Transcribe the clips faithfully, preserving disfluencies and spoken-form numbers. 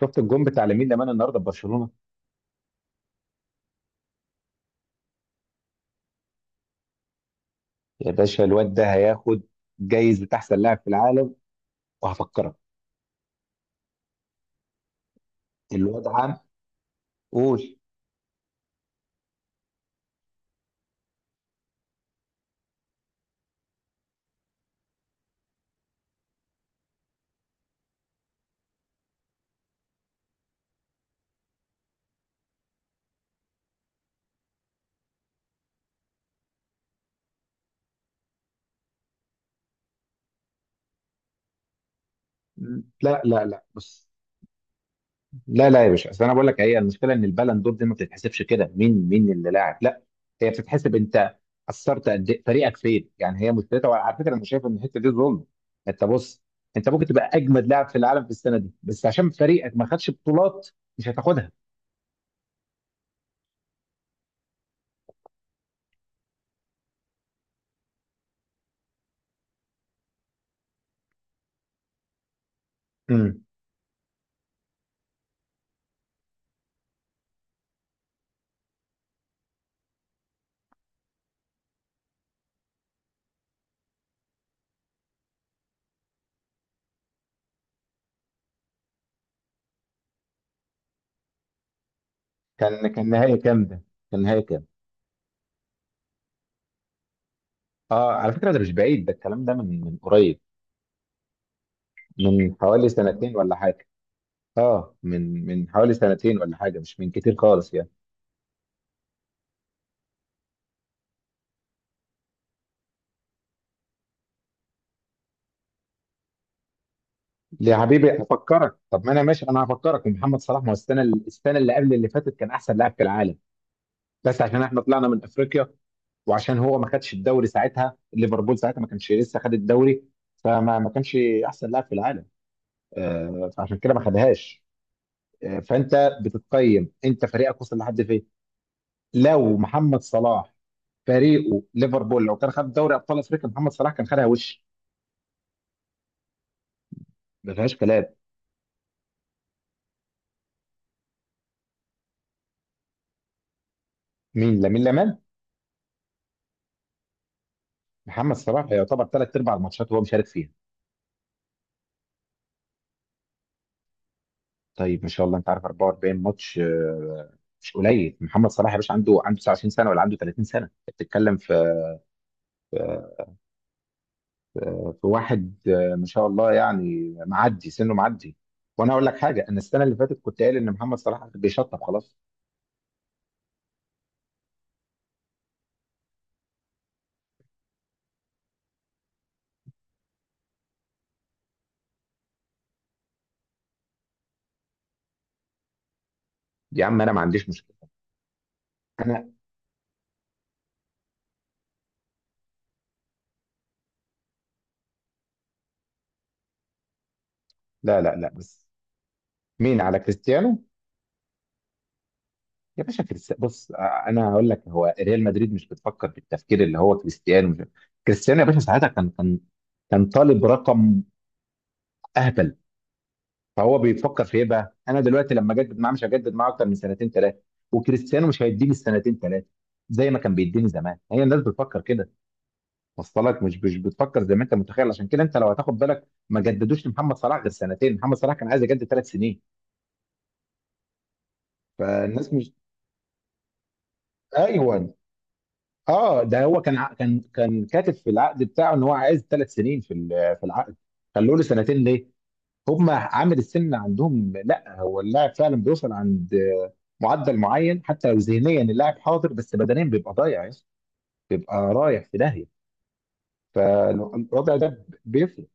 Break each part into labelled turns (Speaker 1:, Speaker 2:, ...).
Speaker 1: شفت الجون بتاع لامين يامال النهارده في برشلونه. يا باشا، الواد ده هياخد جايزه احسن لاعب في العالم وهفكرك. الواد عام. قول. لا لا لا، بص. لا لا يا باشا، اصل انا بقول لك، هي المشكله ان البالون دور دي ما بتتحسبش كده مين مين اللي لاعب، لا. هي بتتحسب انت اثرت قد ايه، فريقك فين، يعني هي مشكلتها. وعلى فكره انا شايف ان الحته دي ظلم. انت بص، انت ممكن تبقى اجمد لاعب في العالم في السنه دي، بس عشان فريقك ما خدش بطولات مش هتاخدها. امم كان كان نهائي كام ده؟ كان نهائي كام؟ اه على فكره ده مش بعيد، ده الكلام ده من من قريب، من حوالي سنتين ولا حاجه. اه من من حوالي سنتين ولا حاجه، مش من كتير خالص يعني. يا حبيبي هفكرك، طب ما انا ماشي، انا هفكرك. محمد صلاح ما هو السنه السنه اللي قبل اللي فاتت كان احسن لاعب في العالم، بس عشان احنا طلعنا من افريقيا وعشان هو ما خدش الدوري ساعتها. ليفربول ساعتها ما كانش لسه خد الدوري، فما ما كانش احسن لاعب في العالم، آه، فعشان كده ما خدهاش. آه، فانت بتتقيم انت فريقك وصل لحد فين. لو محمد صلاح فريقه ليفربول لو كان خد دوري ابطال افريقيا محمد صلاح كان خدها وش، ما فيهاش كلام. مين؟ لامين يامال؟ محمد صلاح يعتبر ثلاث ارباع الماتشات هو مشارك فيها. طيب ما شاء الله، انت عارف اربعه واربعين ماتش آه، مش قليل. محمد صلاح يا باشا عنده عنده تسعة وعشرون سنه ولا عنده ثلاثين سنه، انت بتتكلم في آه، في واحد آه، ما شاء الله، يعني معدي سنه معدي. وانا اقول لك حاجه، انا السنه اللي فاتت كنت قايل ان محمد صلاح بيشطب خلاص. يا عم انا ما عنديش مشكله. انا. لا لا لا، بس مين على كريستيانو؟ يا باشا كريست... بص آه، انا هقول لك، هو ريال مدريد مش بتفكر بالتفكير اللي هو كريستيانو مش... كريستيانو يا باشا ساعتها كان كان كان طالب رقم اهبل. فهو بيفكر في ايه بقى؟ انا دلوقتي لما اجدد معاه مش هجدد معاه اكتر من سنتين ثلاثه، وكريستيانو مش هيديني السنتين ثلاثه زي ما كان بيديني زمان. هي الناس بتفكر كده. وصل لك؟ مش مش بتفكر زي ما انت متخيل. عشان كده انت لو هتاخد بالك ما جددوش لمحمد صلاح غير سنتين. محمد صلاح كان عايز يجدد ثلاث سنين، فالناس مش. ايوه. اه ده هو كان ع- كان كان كاتب في العقد بتاعه ان هو عايز ثلاث سنين في ال- في العقد، خلوه له سنتين ليه؟ هم عامل السن عندهم، لا هو اللاعب فعلا بيوصل عند آه، معدل معين، حتى لو ذهنيا اللاعب حاضر بس بدنيا بيبقى ضايع يا اسطى، بيبقى رايح في داهيه. فالوضع ده بيفرق.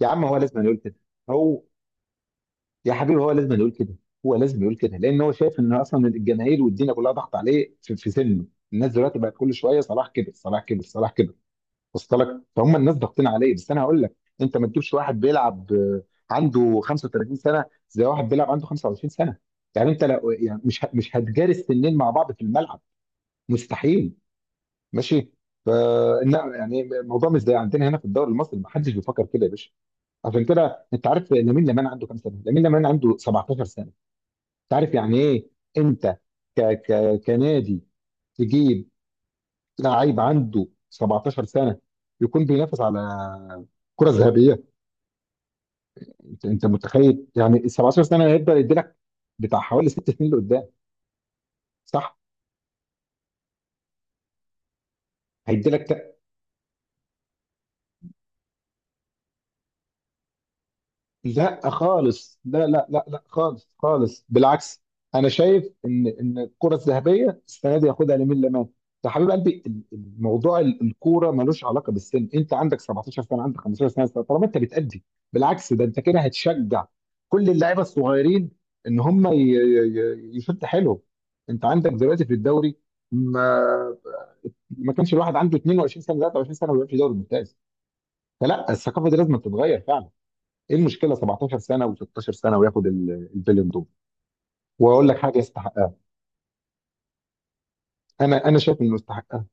Speaker 1: يا عم هو لازم يقول كده، هو، يا حبيبي هو لازم يقول كده. هو لازم يقول كده لان هو شايف ان اصلا الجماهير والدنيا كلها ضغط عليه في في سنه. الناس دلوقتي بقت كل شويه صلاح كبر، صلاح كبر، صلاح كبر. وصلت لك؟ فهم الناس ضاغطين عليه، بس انا هقول لك، انت ما تجيبش واحد بيلعب آه، عنده خمسة وثلاثين سنه زي واحد بيلعب عنده خمسه وعشرين سنه. يعني انت لو يعني مش ه- مش هتجاري السنين مع بعض في الملعب، مستحيل. ماشي. ف إنها- يعني الموضوع مش زي عندنا هنا في الدوري المصري، ما حدش بيفكر كده يا باشا. عشان كده انت عارف لامين يامال عنده كام سنه؟ لامين يامال عنده سبعتاشر سنه. انت عارف يعني ايه؟ انت ك ك كنادي تجيب لعيب عنده سبعتاشر سنه يكون بينافس على كره ذهبيه؟ انت انت متخيل يعني ال سبعة عشر سنه هيبدا يدي لك بتاع حوالي ست سنين لقدام، صح؟ هيدي لك. لا خالص، لا لا لا لا خالص، خالص، بالعكس. انا شايف ان ان الكره الذهبيه السنه دي ياخدها لامين يامال. يا حبيب قلبي ال- الموضوع ال- الكوره ملوش علاقه بالسن. انت عندك سبعتاشر سنه، عندك خمسة عشر سنه، طالما انت بتأدي بالعكس ده انت كده هتشجع كل اللعيبه الصغيرين ان هم ي- ي- يشد حيلهم. انت عندك دلوقتي في الدوري، ما ما كانش الواحد عنده اثنين وعشرين سنه تلاته وعشرين سنه ما بيلعبش دوري ممتاز. فلا الثقافه دي لازم تتغير. ايه المشكله سبعتاشر سنه و16 سنه وياخد ال- البالون دور؟ واقول لك حاجه، يستحقها. انا انا شايف انه يستحقها.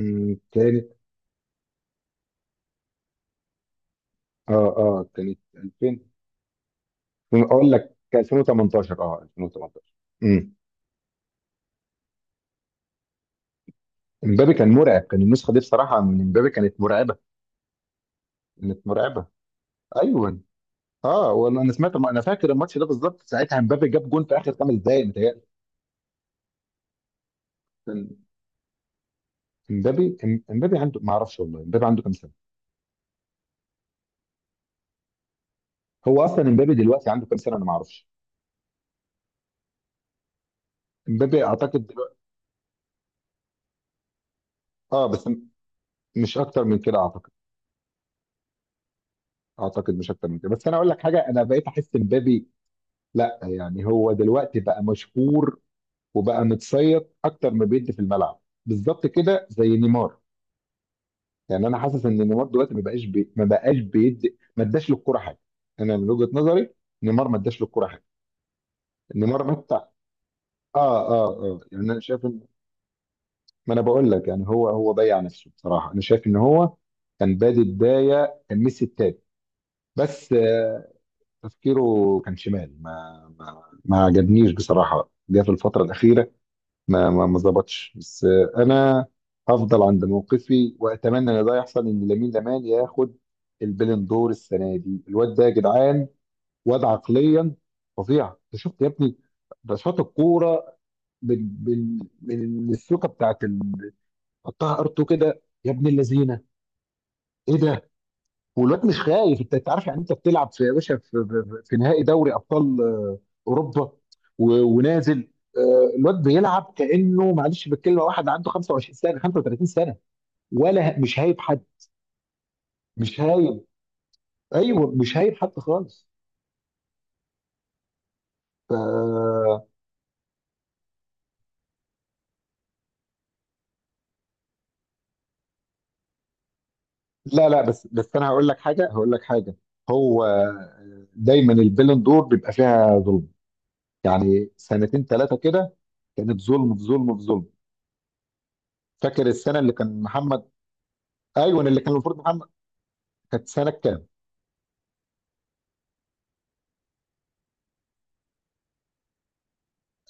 Speaker 1: أمم، كانت. اه اه كانت الفين. اقول لك كان الفين وتمنتاشر. اه الفين وتمنتاشر. امم امبابي كان مرعب، كان النسخه دي بصراحه من امبابي كانت مرعبه. كانت مرعبه، ايوه. اه وانا أنا سمعت، انا فاكر الماتش ده بالظبط ساعتها امبابي جاب جون في اخر خمس دقائق، متهيألي. كان. امبابي إم- امبابي عنده، ما اعرفش والله امبابي عنده كام سنه. هو اصلا امبابي دلوقتي عنده كام سنه، انا ما اعرفش. امبابي اعتقد دلوقتي. اه بس مش اكتر من كده اعتقد، اعتقد مش اكتر من كده. بس انا اقول لك حاجه، انا بقيت احس مبابي، لا يعني هو دلوقتي بقى مشهور وبقى متصيد اكتر ما بيدي في الملعب. بالظبط كده زي نيمار. يعني انا حاسس ان نيمار دلوقتي ما بقاش بي... ما بقاش بيدي، ما اداش للكوره حاجه. انا من وجهه نظري نيمار ما اداش للكوره حاجه. نيمار متى، اه. اه اه يعني انا شايف ان. ما انا بقول لك، يعني هو هو ضيع نفسه بصراحه، انا شايف ان هو كان بادي بدايه كان ميسي التاني، بس تفكيره كان شمال، ما ما ما عجبنيش بصراحة. جه في الفترة الأخيرة ما ما ما ظبطش، بس أنا هفضل عند موقفي وأتمنى إن ده يحصل، إن لامين يامال ياخد البالون دور السنة دي. الواد ده يا جدعان واد عقليا فظيع. أنت شفت يا ابني؟ ده شاط الكورة من من من السوكة بتاعت ال- حطها ار اتنين كده يا ابن اللذينة. إيه ده؟ والواد مش خايف. انت انت عارف يعني انت بتلعب في يا باشا في, في, في نهائي دوري ابطال آه، اوروبا و- ونازل، آه، الواد بيلعب كانه معلش بالكلمه واحد عنده خمسة وعشرين سنه خمسة وثلاثين سنه. ولا ه- مش هايب حد. مش هايب، ايوه مش هايب حد خالص. ف... لا لا بس بس، انا هقول لك حاجه، هقول لك حاجه. هو آه، دايما البالون دور بيبقى فيها ظلم. يعني سنتين ثلاثه كده كانت ظلم في ظلم في ظلم. فاكر السنه اللي كان محمد؟ ايوه اللي كان المفروض محمد. كانت سنه كام؟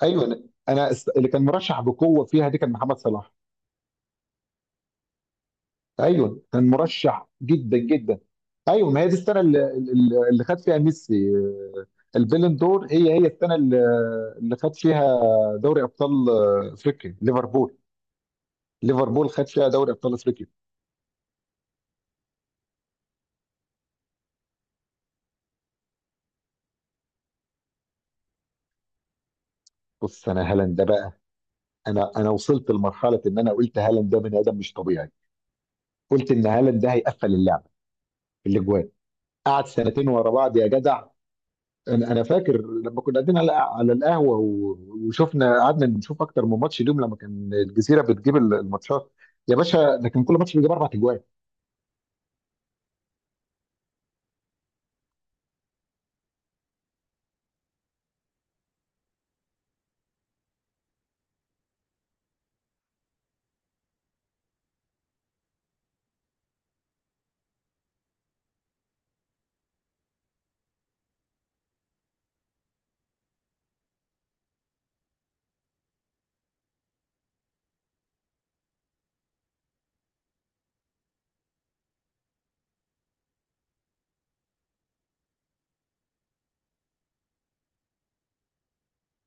Speaker 1: ايوه انا. أنا است- اللي كان مرشح بقوه فيها دي كان محمد صلاح. ايوه كان مرشح جدا جدا. ايوه ما هي دي السنه اللي, اللي اللي خد فيها ميسي آه، البالون دور. هي هي السنه اللي اللي خد فيها دوري ابطال آه، افريقيا ليفربول. ليفربول خد فيها دوري ابطال افريقيا. بص انا هالاند ده بقى، انا انا وصلت لمرحله ان انا قلت هالاند ده بني ادم مش طبيعي. قلت ان هالاند ده هيقفل اللعبه في الاجوان، قعد سنتين ورا بعض يا جدع. انا انا فاكر لما كنا قاعدين على على القهوه و- وشفنا، قعدنا نشوف اكتر من ماتش اليوم لما كان الجزيره بتجيب ال- الماتشات. يا باشا ده كان كل ماتش بيجيب اربع اجوان.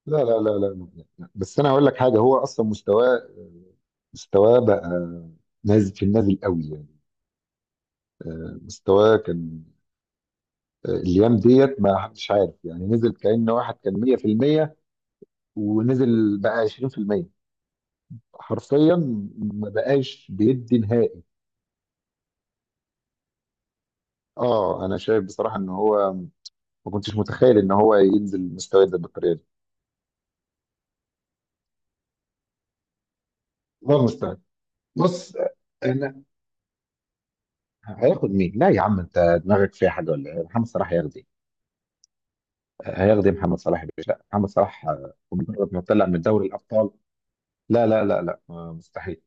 Speaker 1: لا لا لا لا لا- لا. بس انا هقول لك حاجه، هو اصلا مستواه، مستواه بقى نازل، في النازل قوي يعني. آه، مستواه كان آه، الايام ديت ما حدش عارف، يعني نزل كأن واحد كان ميه في الميه ونزل بقى عشرين في الميه، حرفيا ما بقاش بيدي نهائي. اه انا شايف بصراحه ان هو، ما كنتش متخيل ان هو ينزل مستويات ده بالطريقه دي. والله المستعان. بص انا، هياخد مين؟ لا يا عم انت دماغك فيها حاجه ولا ايه؟ محمد صلاح هياخد ايه؟ هياخد ايه محمد صلاح يا باشا؟ لا محمد صلاح آه، مجرد ما طلع من دوري الابطال. لا لا لا لا آه، مستحيل.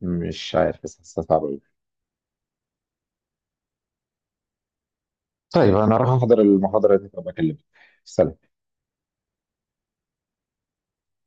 Speaker 1: مش عارف بس حاسسها صعبه أوي. طيب انا راح احضر المحاضره دي، طب اكلمك، سلام.